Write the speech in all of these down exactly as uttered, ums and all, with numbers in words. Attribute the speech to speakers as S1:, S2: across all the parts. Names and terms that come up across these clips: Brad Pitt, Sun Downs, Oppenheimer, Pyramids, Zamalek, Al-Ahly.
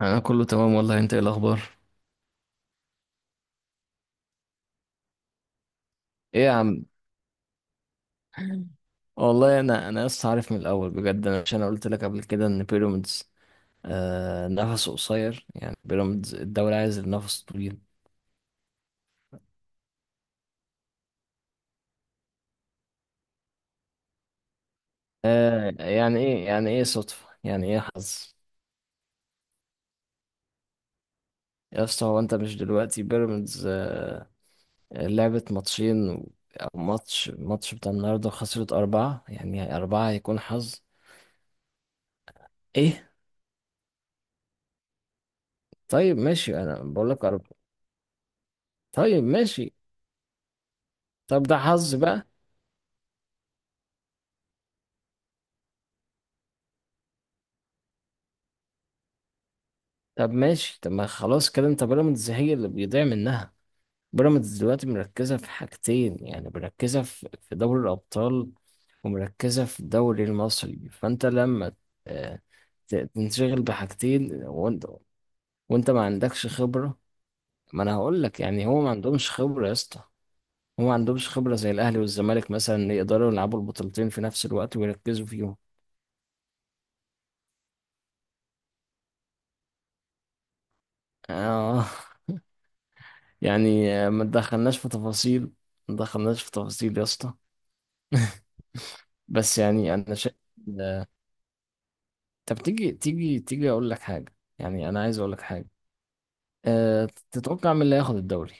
S1: انا كله تمام والله، انت ايه الاخبار؟ ايه يا عم. والله انا انا لسه عارف من الاول بجد. انا مش انا قلت لك قبل كده ان بيراميدز آه نفسه قصير، يعني بيراميدز الدوري عايز النفس طويل. آه يعني ايه يعني ايه صدفة، يعني ايه حظ؟ يا اسطى، هو انت مش دلوقتي بيراميدز؟ آه لعبت ماتشين و- او ماتش ماتش بتاع النهارده خسرت أربعة، يعني أربعة هيكون حظ؟ ايه. طيب ماشي، انا بقول لك أربعة. طيب ماشي. طب ده حظ بقى؟ طب ماشي، طب ما خلاص كده، انت بيراميدز هي اللي بيضيع منها. بيراميدز دلوقتي مركزة في حاجتين، يعني مركزة في في دوري الأبطال، ومركزة في الدوري المصري، فانت لما آه، ت- تنشغل بحاجتين، وانت وانت ما عندكش خبرة. ما انا هقول لك، يعني هو ما عندهمش خبرة يا اسطى. هو ما عندهمش خبرة زي الأهلي والزمالك، مثلا يقدروا يلعبوا البطولتين في نفس الوقت ويركزوا فيهم. اه. يعني آه، ما تدخلناش في تفاصيل. ما تدخلناش في تفاصيل يا اسطى. بس يعني انا شايف. طب تيجي تيجي تيجي اقول لك حاجه، يعني انا عايز اقول لك حاجه. أه تتوقع مين اللي هياخد الدوري؟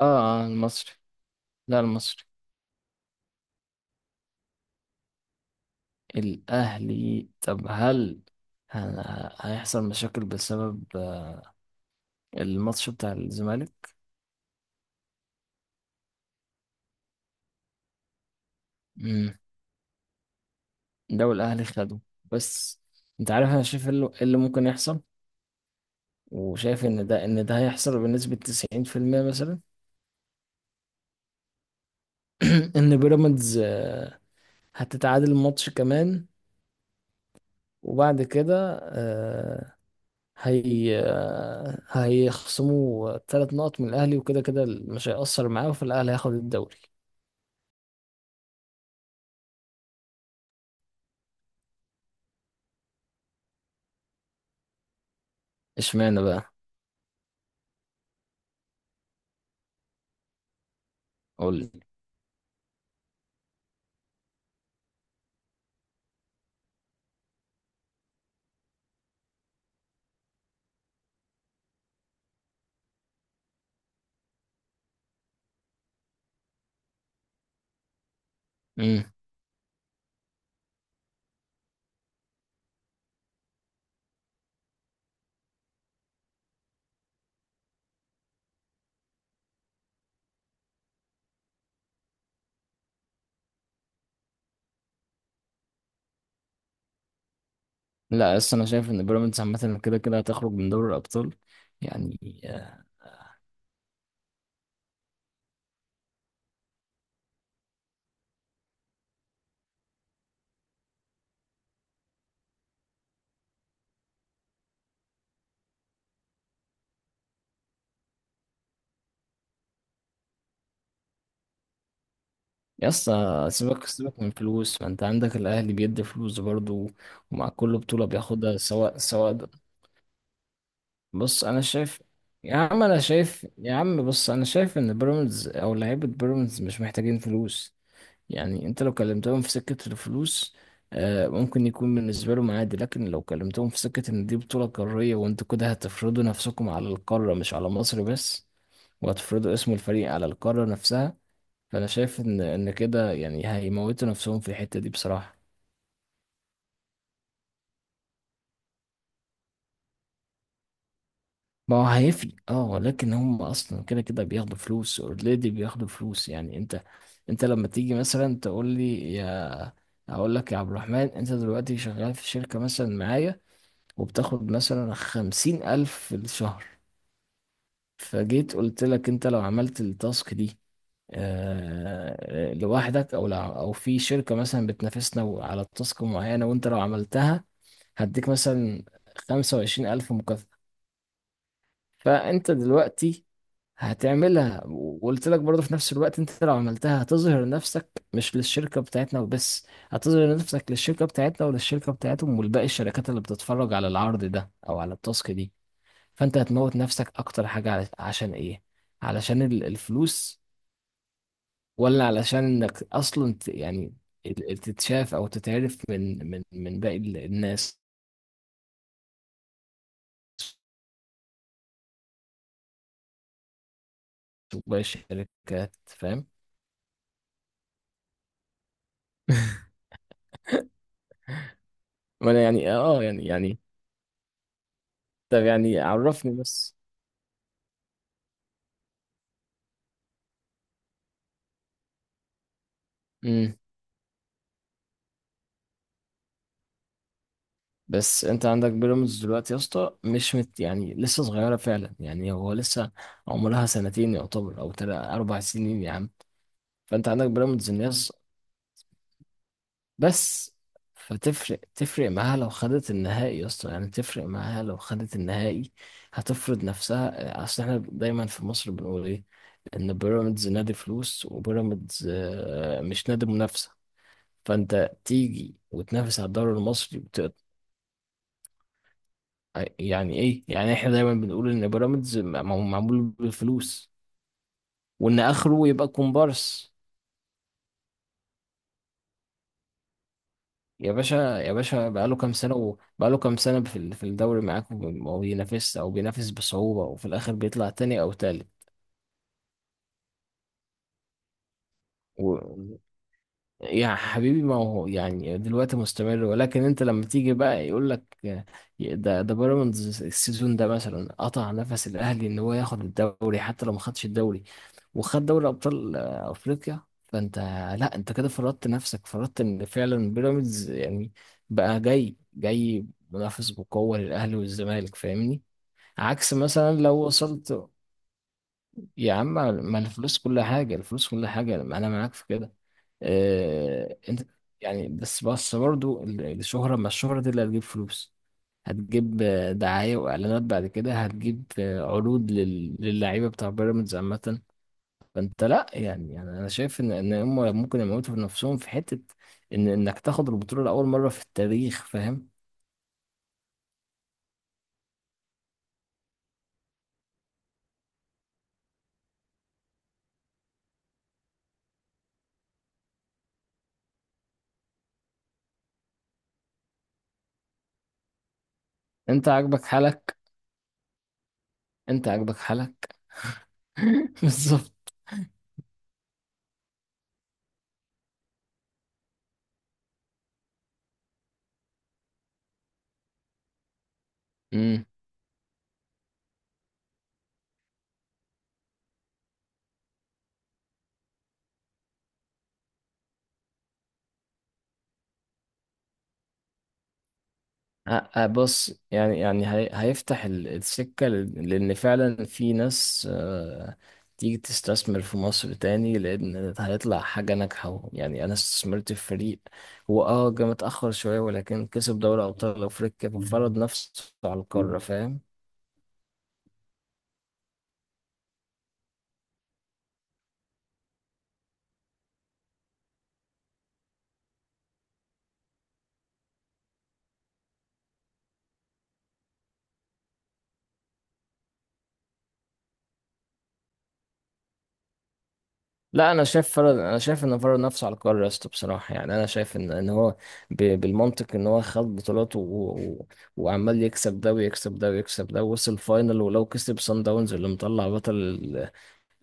S1: اه. آه، المصري. لا، المصري. الاهلي. طب هل ه- هيحصل مشاكل بسبب آه، الماتش بتاع الزمالك؟ امم. لو الاهلي خده، بس انت عارف انا شايف إيه اللي إيه اللي ممكن يحصل. وشايف ان ده ان ده هيحصل بنسبه تسعين في المية مثلا. ان بيراميدز آه، هتتعادل الماتش كمان، وبعد كده آه، هي آه، هيخصموا ثلاث نقط من الأهلي، وكده كده مش هيأثر معاه، فالأهلي هياخد الدوري. اشمعنى بقى؟ قول لي. امم. لا، يس، انا شايف ان بيراميدز عامه كده كده هتخرج من دوري الابطال. يعني آه، يس. آه، سيبك سيبك من فلوس، ما انت عندك الاهلي بيدي فلوس برضو، ومع كل بطوله بياخدها سواء سواء د- بص انا شايف. يا عم انا شايف يا عم بص انا شايف ان بيراميدز او لعيبه بيراميدز مش محتاجين فلوس. يعني انت لو كلمتهم في سكة الفلوس، آه، ممكن يكون بالنسبة لهم عادي، لكن لو كلمتهم في سكة ان دي بطولة قارية وانتوا كده هتفرضوا نفسكم على القارة، مش على مصر بس، وهتفرضوا اسم الفريق على القارة نفسها. فانا شايف ان ان كده يعني هيموتوا نفسهم في الحتة دي بصراحة. ما هو هيفرق، اه، لكن هم اصلا كده كده بياخدوا فلوس اوريدي، بياخدوا فلوس، يعني انت. انت لما تيجي مثلا تقول لي يا اقول لك يا عبد الرحمن، انت دلوقتي شغال في شركة مثلا معايا، وبتاخد مثلا خمسين ألف في الشهر. فجيت قلت لك، أنت لو عملت التاسك دي آه، لوحدك، أو لو- أو في شركة مثلا بتنافسنا على تاسك معينة، وأنت لو عملتها هديك مثلا خمسة وعشرين ألف مكافأة. فأنت دلوقتي هتعملها، وقلت لك برضه في نفس الوقت أنت لو عملتها هتظهر نفسك مش للشركة بتاعتنا وبس، هتظهر نفسك للشركة بتاعتنا وللشركة بتاعتهم ولباقي الشركات اللي بتتفرج على العرض ده أو على التاسك دي. فانت هتموت نفسك اكتر حاجة على- عشان ايه؟ علشان ال- الفلوس، ولا علشان انك اصلا ت- يعني ال- تتشاف او تتعرف من من من باقي ال- الناس وباقي الشركات، فاهم؟ وانا يعني اه يعني يعني. طب يعني عرفني بس. امم. بس انت عندك بيراميدز دلوقتي يا اسطى، مش مت، يعني لسه صغيره فعلا، يعني هو لسه عمرها سنتين يعتبر، او تلات اربع سنين يا عم. فانت عندك بيراميدز الناس بس. فتفرق تفرق معاها لو خدت النهائي يا اسطى، يعني تفرق معاها لو خدت النهائي. هتفرض نفسها، اصل احنا دايما في مصر بنقول ايه؟ ان بيراميدز نادي فلوس، وبيراميدز آه، مش نادي منافسة. فانت تيجي وتنافس على الدوري المصري وت- يعني ايه؟ يعني احنا دايما بنقول ان بيراميدز م- معمول بالفلوس، وان اخره يبقى كومبارس. يا باشا يا باشا، بقاله كام سنة وبقاله كام سنة في ال- في الدوري معاكم، وما بينافسش أو بينافس بصعوبة، وفي الآخر بيطلع تاني أو تالت. يا حبيبي، ما هو يعني دلوقتي مستمر، ولكن انت لما تيجي بقى يقول لك ده ده بيراميدز السيزون ده مثلا قطع نفس الاهلي ان هو ياخد الدوري، حتى لو ما خدش الدوري، وخد دوري ابطال آه، افريقيا. فانت لا، انت كده فرضت نفسك، فرضت ان فعلا بيراميدز يعني بقى جاي جاي منافس بقوة للاهلي والزمالك، فاهمني. عكس مثلا لو وصلت. يا عم، ما الفلوس كل حاجة، الفلوس كل حاجة، أنا معاك في كده. آه، أنت يعني بس بس برضو ال- الشهرة، ما الشهرة دي اللي هتجيب فلوس، هتجيب آه، دعاية وإعلانات، بعد كده هتجيب آه، عروض لل- للعيبة بتاع بيراميدز عامة. فأنت لأ، يعني يعني أنا شايف إن إن هم ممكن يموتوا في نفسهم في حتة إن إنك تاخد البطولة لأول مرة في التاريخ، فاهم؟ أنت عاجبك حالك! أنت عاجبك حالك! بالظبط. أ- أ- بص، يعني يعني هي- هيفتح ال- السكة لل- لأن فعلا في ناس آه، تيجي تستثمر في مصر تاني، لأن هيطلع حاجة ناجحة، يعني أنا استثمرت في فريق، هو أه جه متأخر شوية، ولكن كسب دوري أبطال أفريقيا، ففرض نفسه على القارة، فاهم؟ لا، انا شايف فرض، انا شايف ان فرض نفسه على القرار يا اسطى بصراحه، يعني انا شايف ان ان هو ب... بالمنطق ان هو خد بطولات و... و... وعمال يكسب ده ويكسب ده ويكسب ده، ووصل فاينل، ولو كسب سان داونز اللي مطلع بطل ال-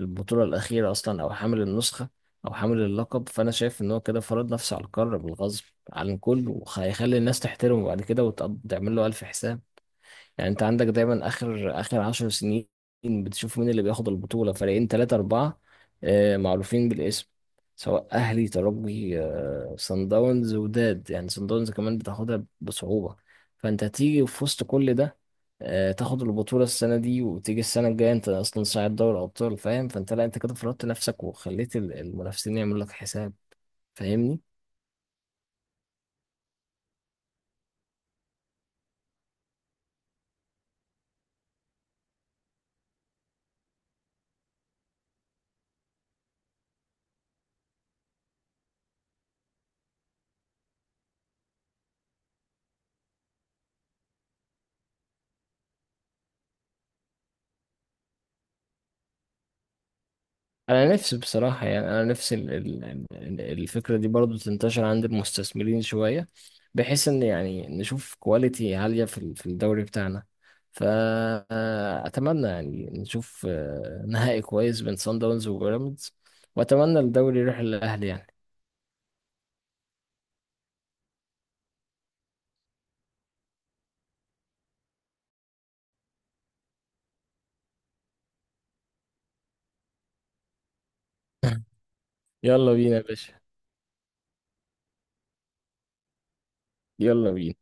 S1: البطوله الاخيره اصلا، او حامل النسخه، او حامل اللقب، فانا شايف ان هو كده فرض نفسه على القرار بالغصب عن الكل، وهيخلي الناس تحترمه بعد كده وتعمل له الف حساب. يعني انت عندك دايما اخر اخر عشر سنين بتشوف مين اللي بياخد البطولة، فريقين ثلاثة أربعة، آه، معروفين بالاسم، سواء أهلي، ترجي، آه، صن داونز، وداد، يعني صن داونز كمان بتاخدها بصعوبة. فأنت تيجي في وسط كل ده، آه، تاخد البطولة السنة دي، وتيجي السنة الجاية أنت أصلا صاعد دوري أبطال، فاهم؟ فأنت لا، أنت كده فرضت نفسك وخليت ال- المنافسين يعملوا لك حساب، فاهمني؟ انا نفسي بصراحه، يعني انا نفسي ال- ال- ال- الفكره دي برضو تنتشر عند المستثمرين شويه، بحيث ان يعني نشوف كواليتي عاليه في ال- في الدوري بتاعنا. فاتمنى يعني نشوف آه، نهائي كويس بين سان داونز وبيراميدز، واتمنى الدوري يروح للاهلي، يعني. يلا بينا يا باشا، يلا بينا.